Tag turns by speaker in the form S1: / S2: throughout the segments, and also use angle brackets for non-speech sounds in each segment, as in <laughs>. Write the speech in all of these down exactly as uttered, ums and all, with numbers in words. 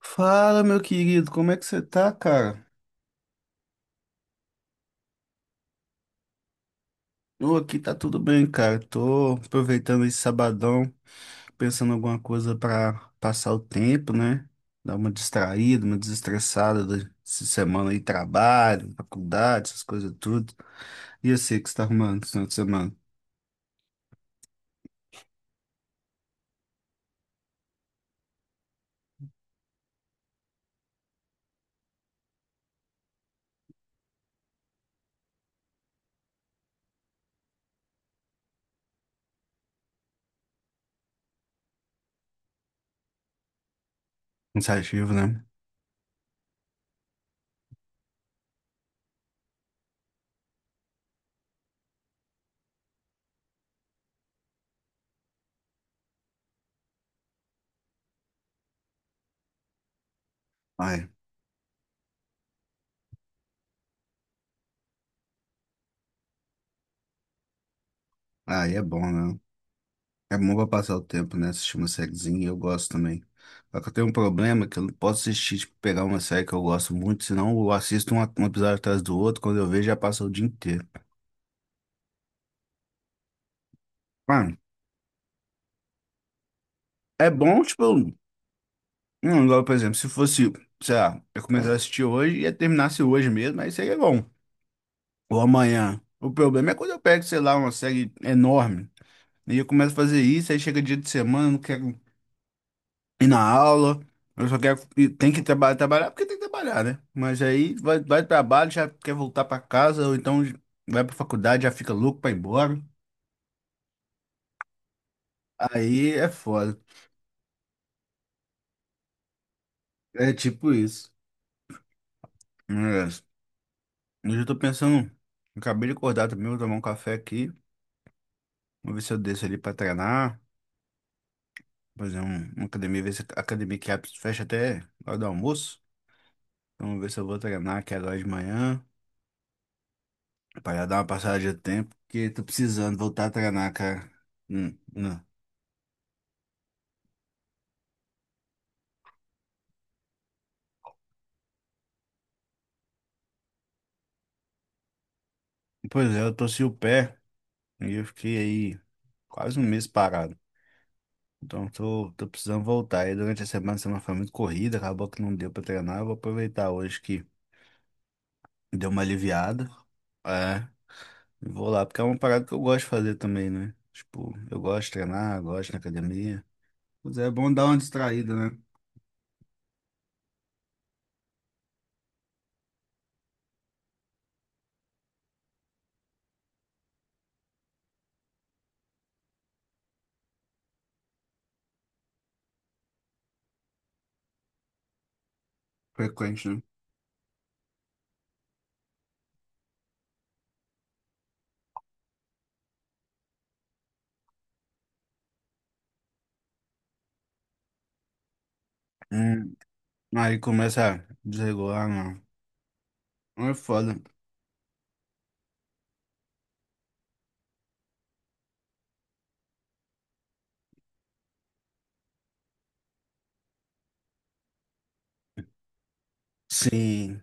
S1: Fala, meu querido, como é que você tá, cara? Eu aqui tá tudo bem, cara. Tô aproveitando esse sabadão, pensando em alguma coisa pra passar o tempo, né? Dar uma distraída, uma desestressada dessa semana aí, trabalho, faculdade, essas coisas tudo. E eu sei que você tá arrumando esse final de semana. Cansativo, né? Ai, aí é bom, né? É bom pra passar o tempo, né? Assistir uma sériezinha, eu gosto também. Só que eu tenho um problema que eu não posso assistir, tipo, pegar uma série que eu gosto muito, senão eu assisto um, um episódio atrás do outro, quando eu vejo já passa o dia inteiro. Mano, é bom, tipo, não, igual, por exemplo, se fosse, sei lá, eu começar a assistir hoje e ia terminasse hoje mesmo, aí seria bom. Ou amanhã. O problema é quando eu pego, sei lá, uma série enorme, e eu começo a fazer isso, aí chega dia de semana, eu não quero ir na aula. Eu só quero. E tem que trabalhar, trabalhar porque tem que trabalhar, né? Mas aí vai, vai pro trabalho, já quer voltar pra casa, ou então vai pra faculdade, já fica louco pra ir embora. Aí é foda. É tipo isso. Mas, hoje eu tô pensando. Acabei de acordar também, vou tomar um café aqui. Vou ver se eu desço ali pra treinar. Fazer um, uma academia, ver se a academia que abre, fecha até a hora do almoço. Então, vou ver se eu vou treinar, que é agora de manhã. Pra já dar uma passada de tempo, porque tô precisando voltar a treinar, cara. Hum, não. Pois é, eu torci o pé e eu fiquei aí quase um mês parado. Então tô, tô precisando voltar. E durante a semana, a semana foi muito corrida, acabou que não deu pra treinar. Eu vou aproveitar hoje que deu uma aliviada. É, e vou lá, porque é uma parada que eu gosto de fazer também, né? Tipo, eu gosto de treinar, gosto de ir na academia. Pois é, é bom dar uma distraída, né? Frequente, né? Hum, aí começa a desregular, não. Não é foda. Sim.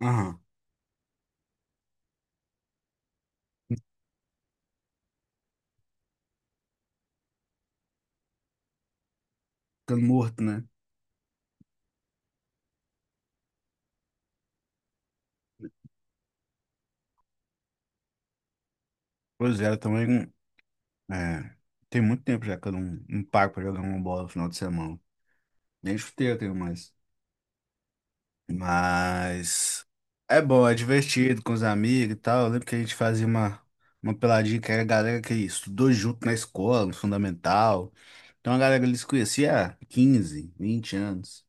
S1: Aham. Ficando morto, né? Pois é, eu também. É, tem muito tempo já que eu não, não paro pra jogar uma bola no final de semana. Nem chuteiro eu tenho mais. Mas é bom, é divertido com os amigos e tal. Eu lembro que a gente fazia uma, uma peladinha que era a galera que estudou junto na escola, no fundamental. Então a galera ali se conhecia há quinze, vinte anos.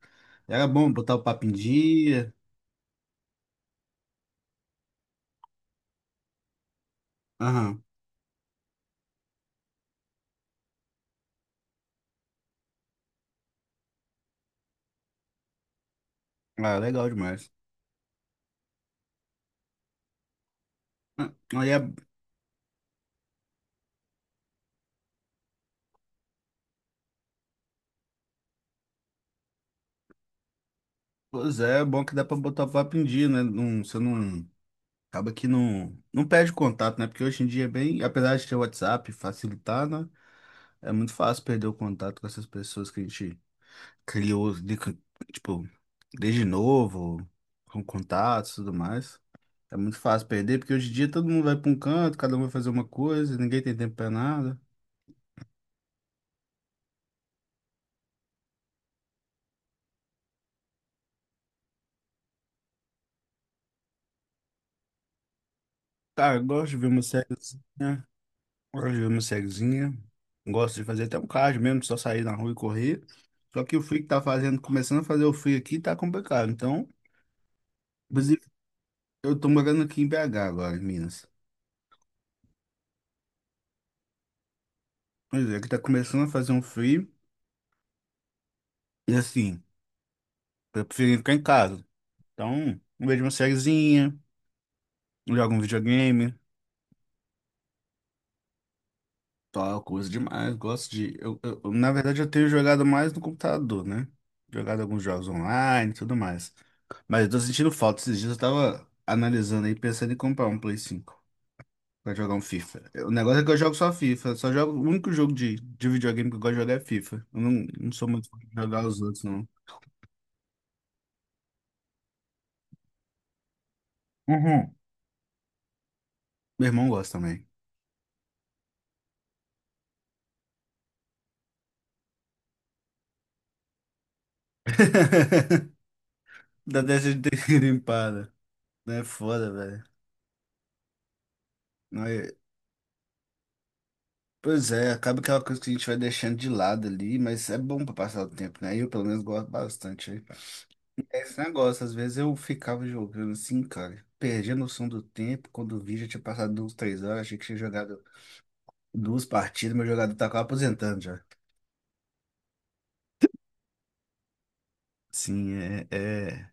S1: Era bom botar o papo em dia. Aham. Ah, legal demais. Ah, aí é, pois é, é bom que dá pra botar o papo em dia, né? Não, você não. Acaba que não, não perde o contato, né? Porque hoje em dia é bem, apesar de ter o WhatsApp facilitar, né? É muito fácil perder o contato com essas pessoas que a gente criou, de- tipo, desde novo, com contatos e tudo mais. É muito fácil perder, porque hoje em dia todo mundo vai pra um canto, cada um vai fazer uma coisa, ninguém tem tempo pra nada. Cara, eu gosto de ver uma sériezinha, gosto de ver uma sériezinha, gosto de fazer até um cardio mesmo, só sair na rua e correr. Só que o frio que tá fazendo, começando a fazer o frio aqui, tá complicado. Então, eu tô morando aqui em B H agora, em Minas. Pois é, que tá começando a fazer um frio. E assim, eu prefiro ficar em casa. Então, eu vejo uma sériezinha, jogo um videogame, tal, coisa demais. Gosto de. Eu, eu- eu- na verdade, eu tenho jogado mais no computador, né? Jogado alguns jogos online e tudo mais. Mas eu tô sentindo falta. Esses dias eu tava analisando aí, pensando em comprar um Play cinco pra jogar um FIFA. O negócio é que eu jogo só FIFA. Só jogo, o único jogo de, de videogame que eu gosto de jogar é FIFA. Eu não, não sou muito fã de jogar os outros, não. Uhum. Meu irmão gosta também. <laughs> da Dessa de ter limpada. Não é foda, velho. Não é. Pois é, acaba que é uma coisa que a gente vai deixando de lado ali, mas é bom pra passar o tempo, né? Eu, pelo menos, gosto bastante aí. É esse negócio, às vezes eu ficava jogando assim, cara, perdi a noção do tempo, quando vi já tinha passado uns três horas, achei que tinha jogado duas partidas, meu jogador tava quase aposentando já. Sim, é, é.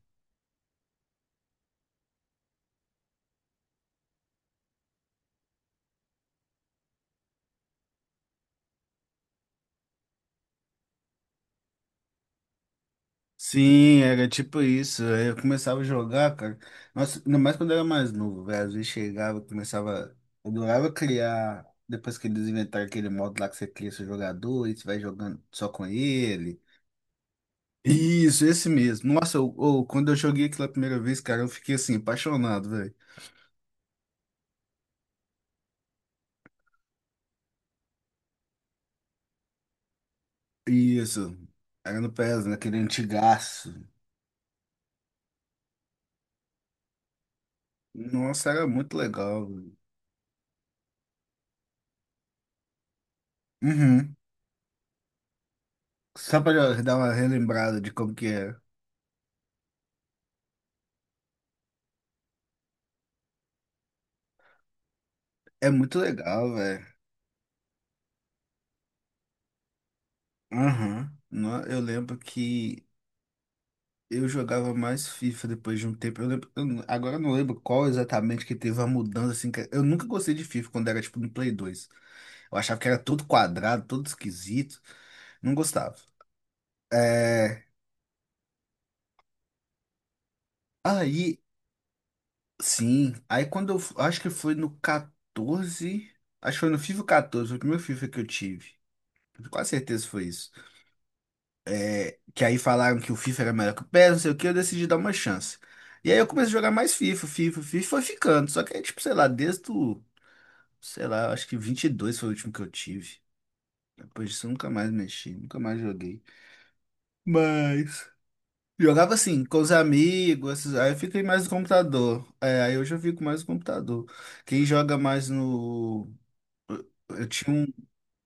S1: Sim, era tipo isso. Aí eu começava a jogar, cara. Nossa, ainda mais quando eu era mais novo, velho. Às vezes chegava, começava. Eu adorava criar. Depois que eles inventaram aquele modo lá que você cria seu jogador e você vai jogando só com ele. Isso, esse mesmo. Nossa, eu, eu- quando eu joguei aquela primeira vez, cara, eu fiquei assim, apaixonado, velho. Isso. Era no PES, naquele antigaço. Nossa, era muito legal, velho. Uhum. Só pra dar uma relembrada de como que é. É muito legal, velho. Aham. Nó- Eu lembro que eu jogava mais FIFA depois de um tempo. Eu lembro, eu não- agora eu não lembro qual exatamente que teve a mudança, assim. Que- eu nunca gostei de FIFA quando era, tipo, no Play dois. Eu achava que era todo quadrado, todo esquisito. Não gostava. É, aí, sim. Aí quando eu, f- acho que foi no quatorze, acho que foi no FIFA quatorze, foi o primeiro FIFA que eu tive. Com quase certeza foi isso. É, que aí falaram que o FIFA era melhor que o PES, não sei o que, eu decidi dar uma chance. E aí eu comecei a jogar mais FIFA, FIFA, FIFA, foi ficando. Só que aí, tipo, sei lá, desde o, sei lá, acho que vinte e dois foi o último que eu tive. Depois disso eu nunca mais mexi, nunca mais joguei. Mas, jogava assim, com os amigos, esses- aí eu fiquei mais no computador. É, aí hoje eu fico mais no computador. Quem joga mais no. Eu tinha um.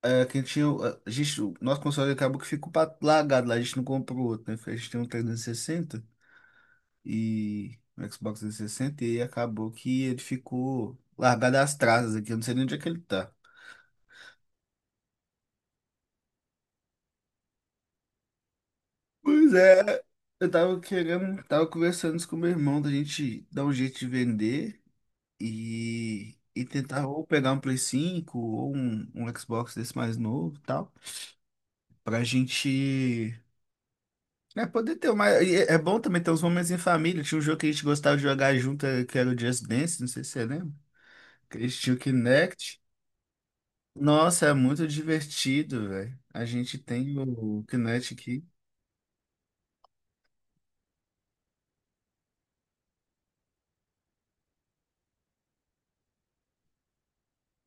S1: É, quem tinha. A gente, o nosso console acabou que ficou pra- largado lá, a gente não comprou outro, né? A gente tem um trezentos e sessenta e no Xbox trezentos e sessenta e sessenta, e acabou que ele ficou largado às traças aqui, eu não sei nem onde é que ele tá. Pois é, eu tava querendo, tava conversando isso com meu irmão da gente dar um jeito de vender e, e tentar ou pegar um Play cinco ou um, um Xbox desse mais novo e tal, pra gente, né, poder ter uma. e É é bom também ter uns momentos em família. Tinha um jogo que a gente gostava de jogar junto, eh, que era o Just Dance, não sei se você lembra. Que a gente tinha o Kinect. Nossa, é muito divertido, velho. A gente tem o, o Kinect aqui.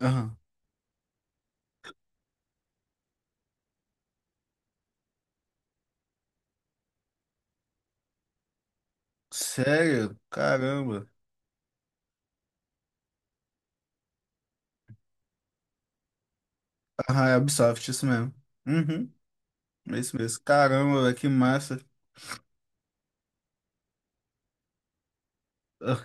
S1: Aham. Sério? Caramba. Aham, é Ubisoft, isso mesmo. Uhum, é isso mesmo. Caramba, véi, que massa. <laughs> Ah,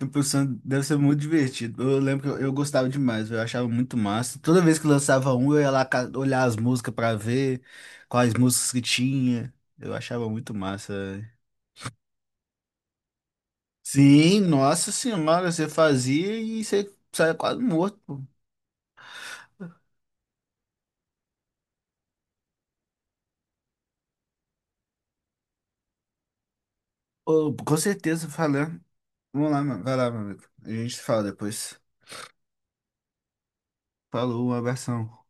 S1: eu pensando, deve ser muito divertido. Eu lembro que eu, eu gostava demais, véi, eu achava muito massa. Toda vez que lançava um, eu ia lá ca- olhar as músicas pra ver quais músicas que tinha. Eu achava muito massa, véi. Sim, nossa senhora, você fazia e você saia quase morto, pô. Ô, com certeza, falando. Vamos lá, mano. Vai lá, meu amigo. A gente se fala depois. Falou, um abração.